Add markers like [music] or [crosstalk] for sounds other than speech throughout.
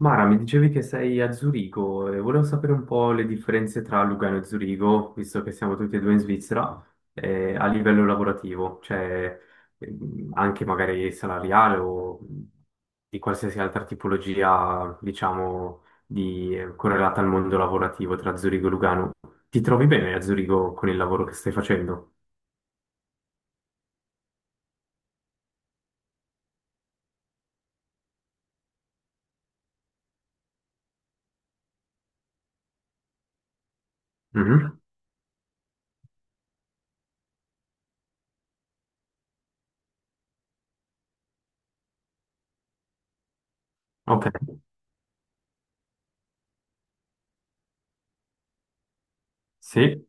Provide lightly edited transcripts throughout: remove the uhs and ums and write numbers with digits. Mara, mi dicevi che sei a Zurigo e volevo sapere un po' le differenze tra Lugano e Zurigo, visto che siamo tutti e due in Svizzera, a livello lavorativo, cioè anche magari salariale o di qualsiasi altra tipologia, diciamo, di, correlata al mondo lavorativo tra Zurigo e Lugano. Ti trovi bene a Zurigo con il lavoro che stai facendo? Mhm. Ok, sì.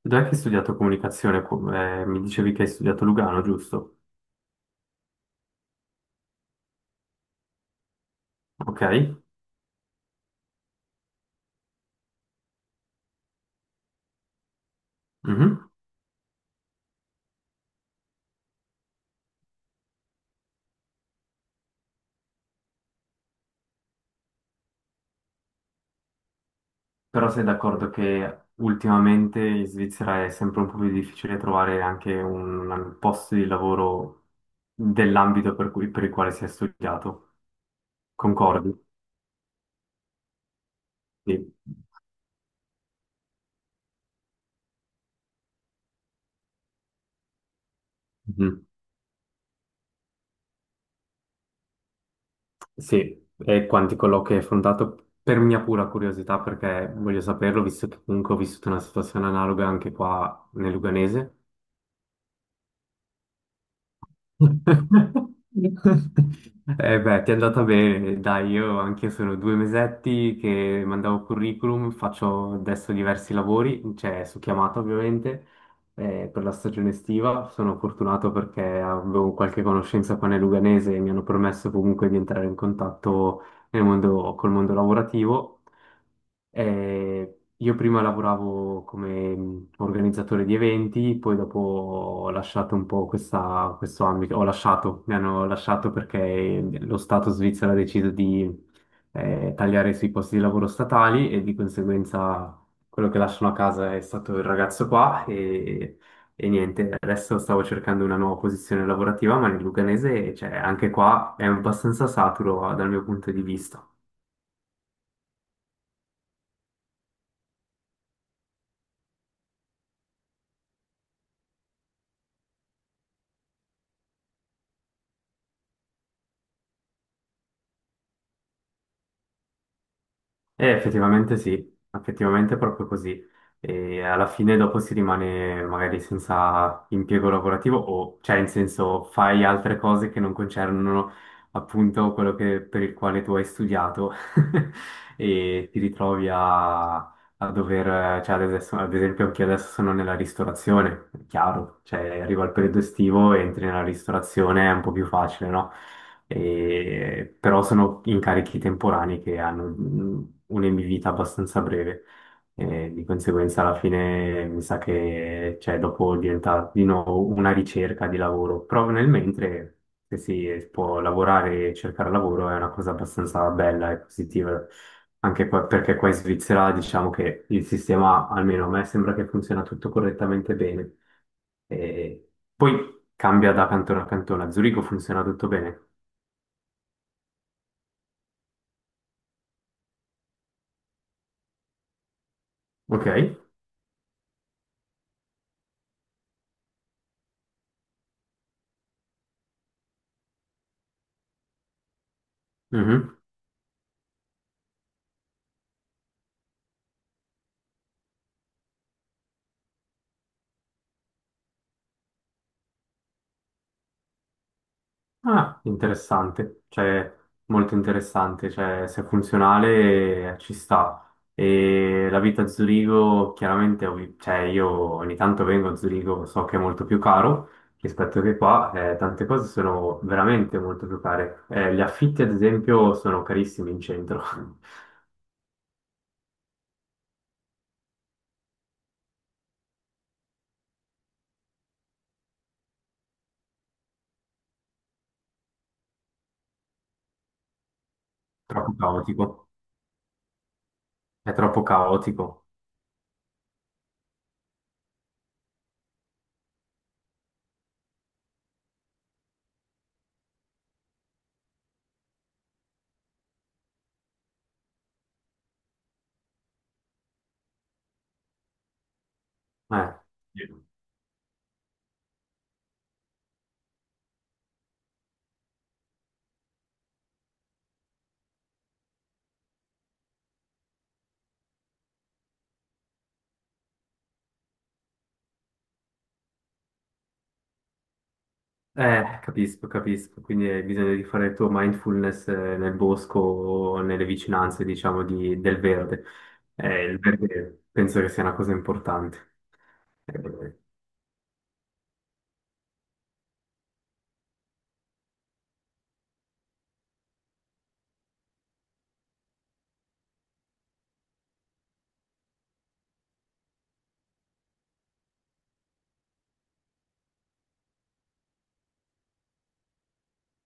Dov'è che hai studiato comunicazione? Mi dicevi che hai studiato Lugano, giusto? Ok. Mhm. Però sei d'accordo che ultimamente in Svizzera è sempre un po' più difficile trovare anche un posto di lavoro per il quale si è studiato. Concordi? Sì. Mhm. Sì, e quanti colloqui hai affrontato? Per mia pura curiosità, perché voglio saperlo, visto che comunque ho vissuto una situazione analoga anche qua nel Luganese. Eh beh, ti è andata bene, dai, io anche sono due mesetti che mandavo curriculum, faccio adesso diversi lavori, cioè su chiamata ovviamente, per la stagione estiva. Sono fortunato perché avevo qualche conoscenza qua nel Luganese e mi hanno permesso comunque di entrare in contatto nel mondo, col mondo lavorativo. Io prima lavoravo come organizzatore di eventi, poi dopo ho lasciato un po' questo ambito, ho lasciato, mi hanno lasciato perché mm, lo Stato svizzero ha deciso di tagliare sui posti di lavoro statali e di conseguenza quello che lasciano a casa è stato il ragazzo qua e niente, adesso stavo cercando una nuova posizione lavorativa, ma nel Luganese, cioè, anche qua è abbastanza saturo dal mio punto di vista. Effettivamente sì, effettivamente è proprio così. E alla fine dopo si rimane magari senza impiego lavorativo o, cioè, in senso, fai altre cose che non concernono appunto per il quale tu hai studiato [laughs] e ti ritrovi a, a dover, cioè ad esempio anche io adesso sono nella ristorazione, è chiaro, cioè arriva il periodo estivo, entri nella ristorazione, è un po' più facile, no? Però sono incarichi temporanei che hanno mm, un'emivita abbastanza breve. E di conseguenza alla fine mi sa che cioè, dopo diventa di nuovo una ricerca di lavoro, però nel mentre se si può lavorare e cercare lavoro è una cosa abbastanza bella e positiva. Perché qua in Svizzera diciamo che il sistema, almeno a me, sembra che funziona tutto correttamente bene. E poi cambia da cantone a cantone. A Zurigo funziona tutto bene. Ok? Mhm. Ah, interessante, cioè molto interessante, cioè se è funzionale ci sta. E la vita a Zurigo, chiaramente, cioè io ogni tanto vengo a Zurigo, so che è molto più caro rispetto che qua, tante cose sono veramente molto più care. Gli affitti, ad esempio, sono carissimi in centro, [laughs] troppo caotico, è troppo caotico. Eh. Capisco, capisco, quindi hai bisogno di fare il tuo mindfulness nel bosco o nelle vicinanze, diciamo, del verde. Il verde penso che sia una cosa importante. Eh,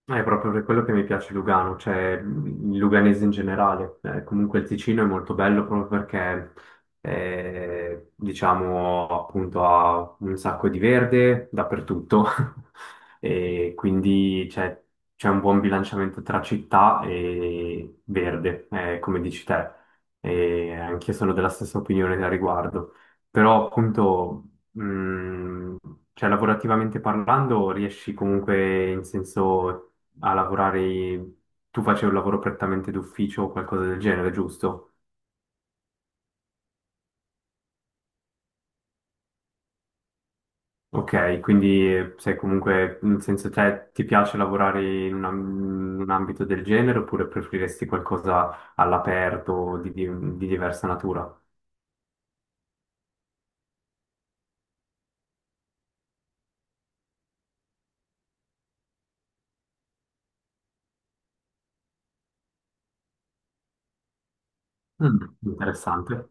È proprio per quello che mi piace Lugano, cioè il luganese in generale. Comunque il Ticino è molto bello proprio perché, diciamo, appunto ha un sacco di verde dappertutto [laughs] e quindi c'è un buon bilanciamento tra città e verde, come dici te. E anch'io sono della stessa opinione a riguardo. Però appunto... mh, cioè, lavorativamente parlando, riesci comunque in senso a lavorare, tu facevi un lavoro prettamente d'ufficio o qualcosa del genere, giusto? Ok, quindi sei comunque, nel senso, te ti piace lavorare in in un ambito del genere oppure preferiresti qualcosa all'aperto di, di diversa natura? Mm, interessante.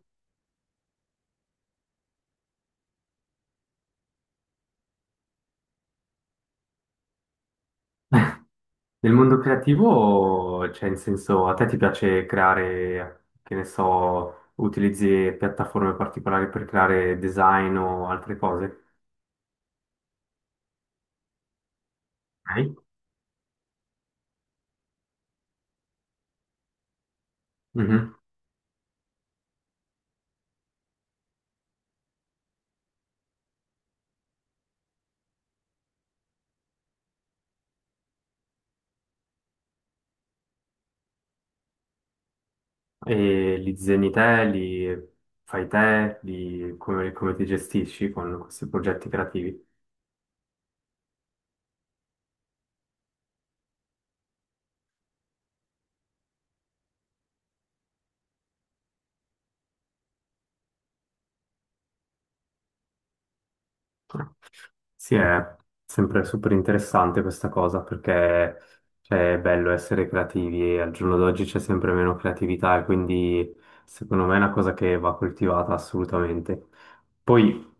Nel mondo creativo, cioè, in senso, a te ti piace creare, che ne so, utilizzi piattaforme particolari per creare design o altre cose? Ok. E li disegni te, li fai te, come, come ti gestisci con questi progetti creativi? Sì, è sempre super interessante questa cosa perché cioè, è bello essere creativi e al giorno d'oggi c'è sempre meno creatività e quindi secondo me è una cosa che va coltivata assolutamente. Poi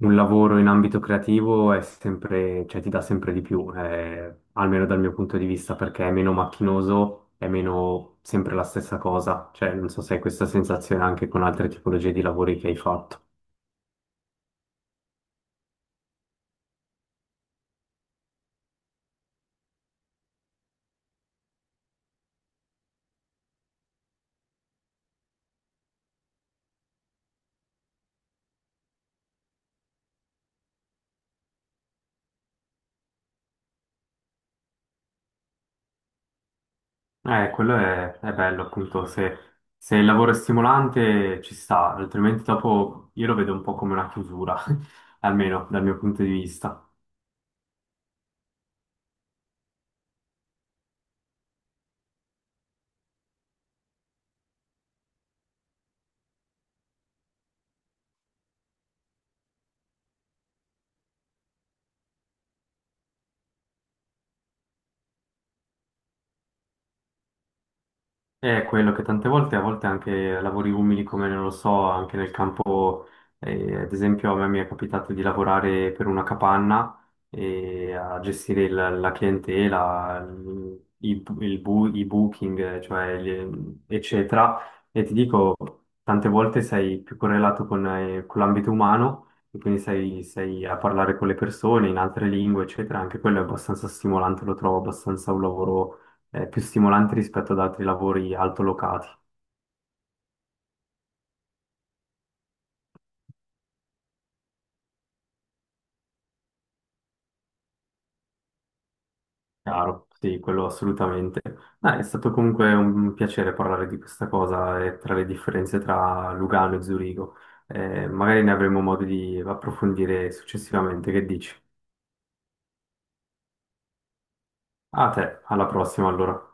un lavoro in ambito creativo è sempre, cioè ti dà sempre di più, almeno dal mio punto di vista, perché è meno macchinoso, è meno sempre la stessa cosa. Cioè, non so se hai questa sensazione anche con altre tipologie di lavori che hai fatto. Quello è bello, appunto, se, se il lavoro è stimolante ci sta, altrimenti dopo io lo vedo un po' come una chiusura, [laughs] almeno dal mio punto di vista. È quello che tante volte, a volte anche lavori umili come non lo so, anche nel campo, ad esempio a me mi è capitato di lavorare per una capanna e a gestire la clientela, il i booking, cioè, gli- eccetera. E ti dico, tante volte sei più correlato con l'ambito umano e quindi sei, sei a parlare con le persone in altre lingue, eccetera. Anche quello è abbastanza stimolante, lo trovo abbastanza un lavoro è più stimolante rispetto ad altri lavori altolocati. Chiaro, sì, quello assolutamente. Dai, è stato comunque un piacere parlare di questa cosa e tra le differenze tra Lugano e Zurigo. Magari ne avremo modo di approfondire successivamente. Che dici? A te, alla prossima allora.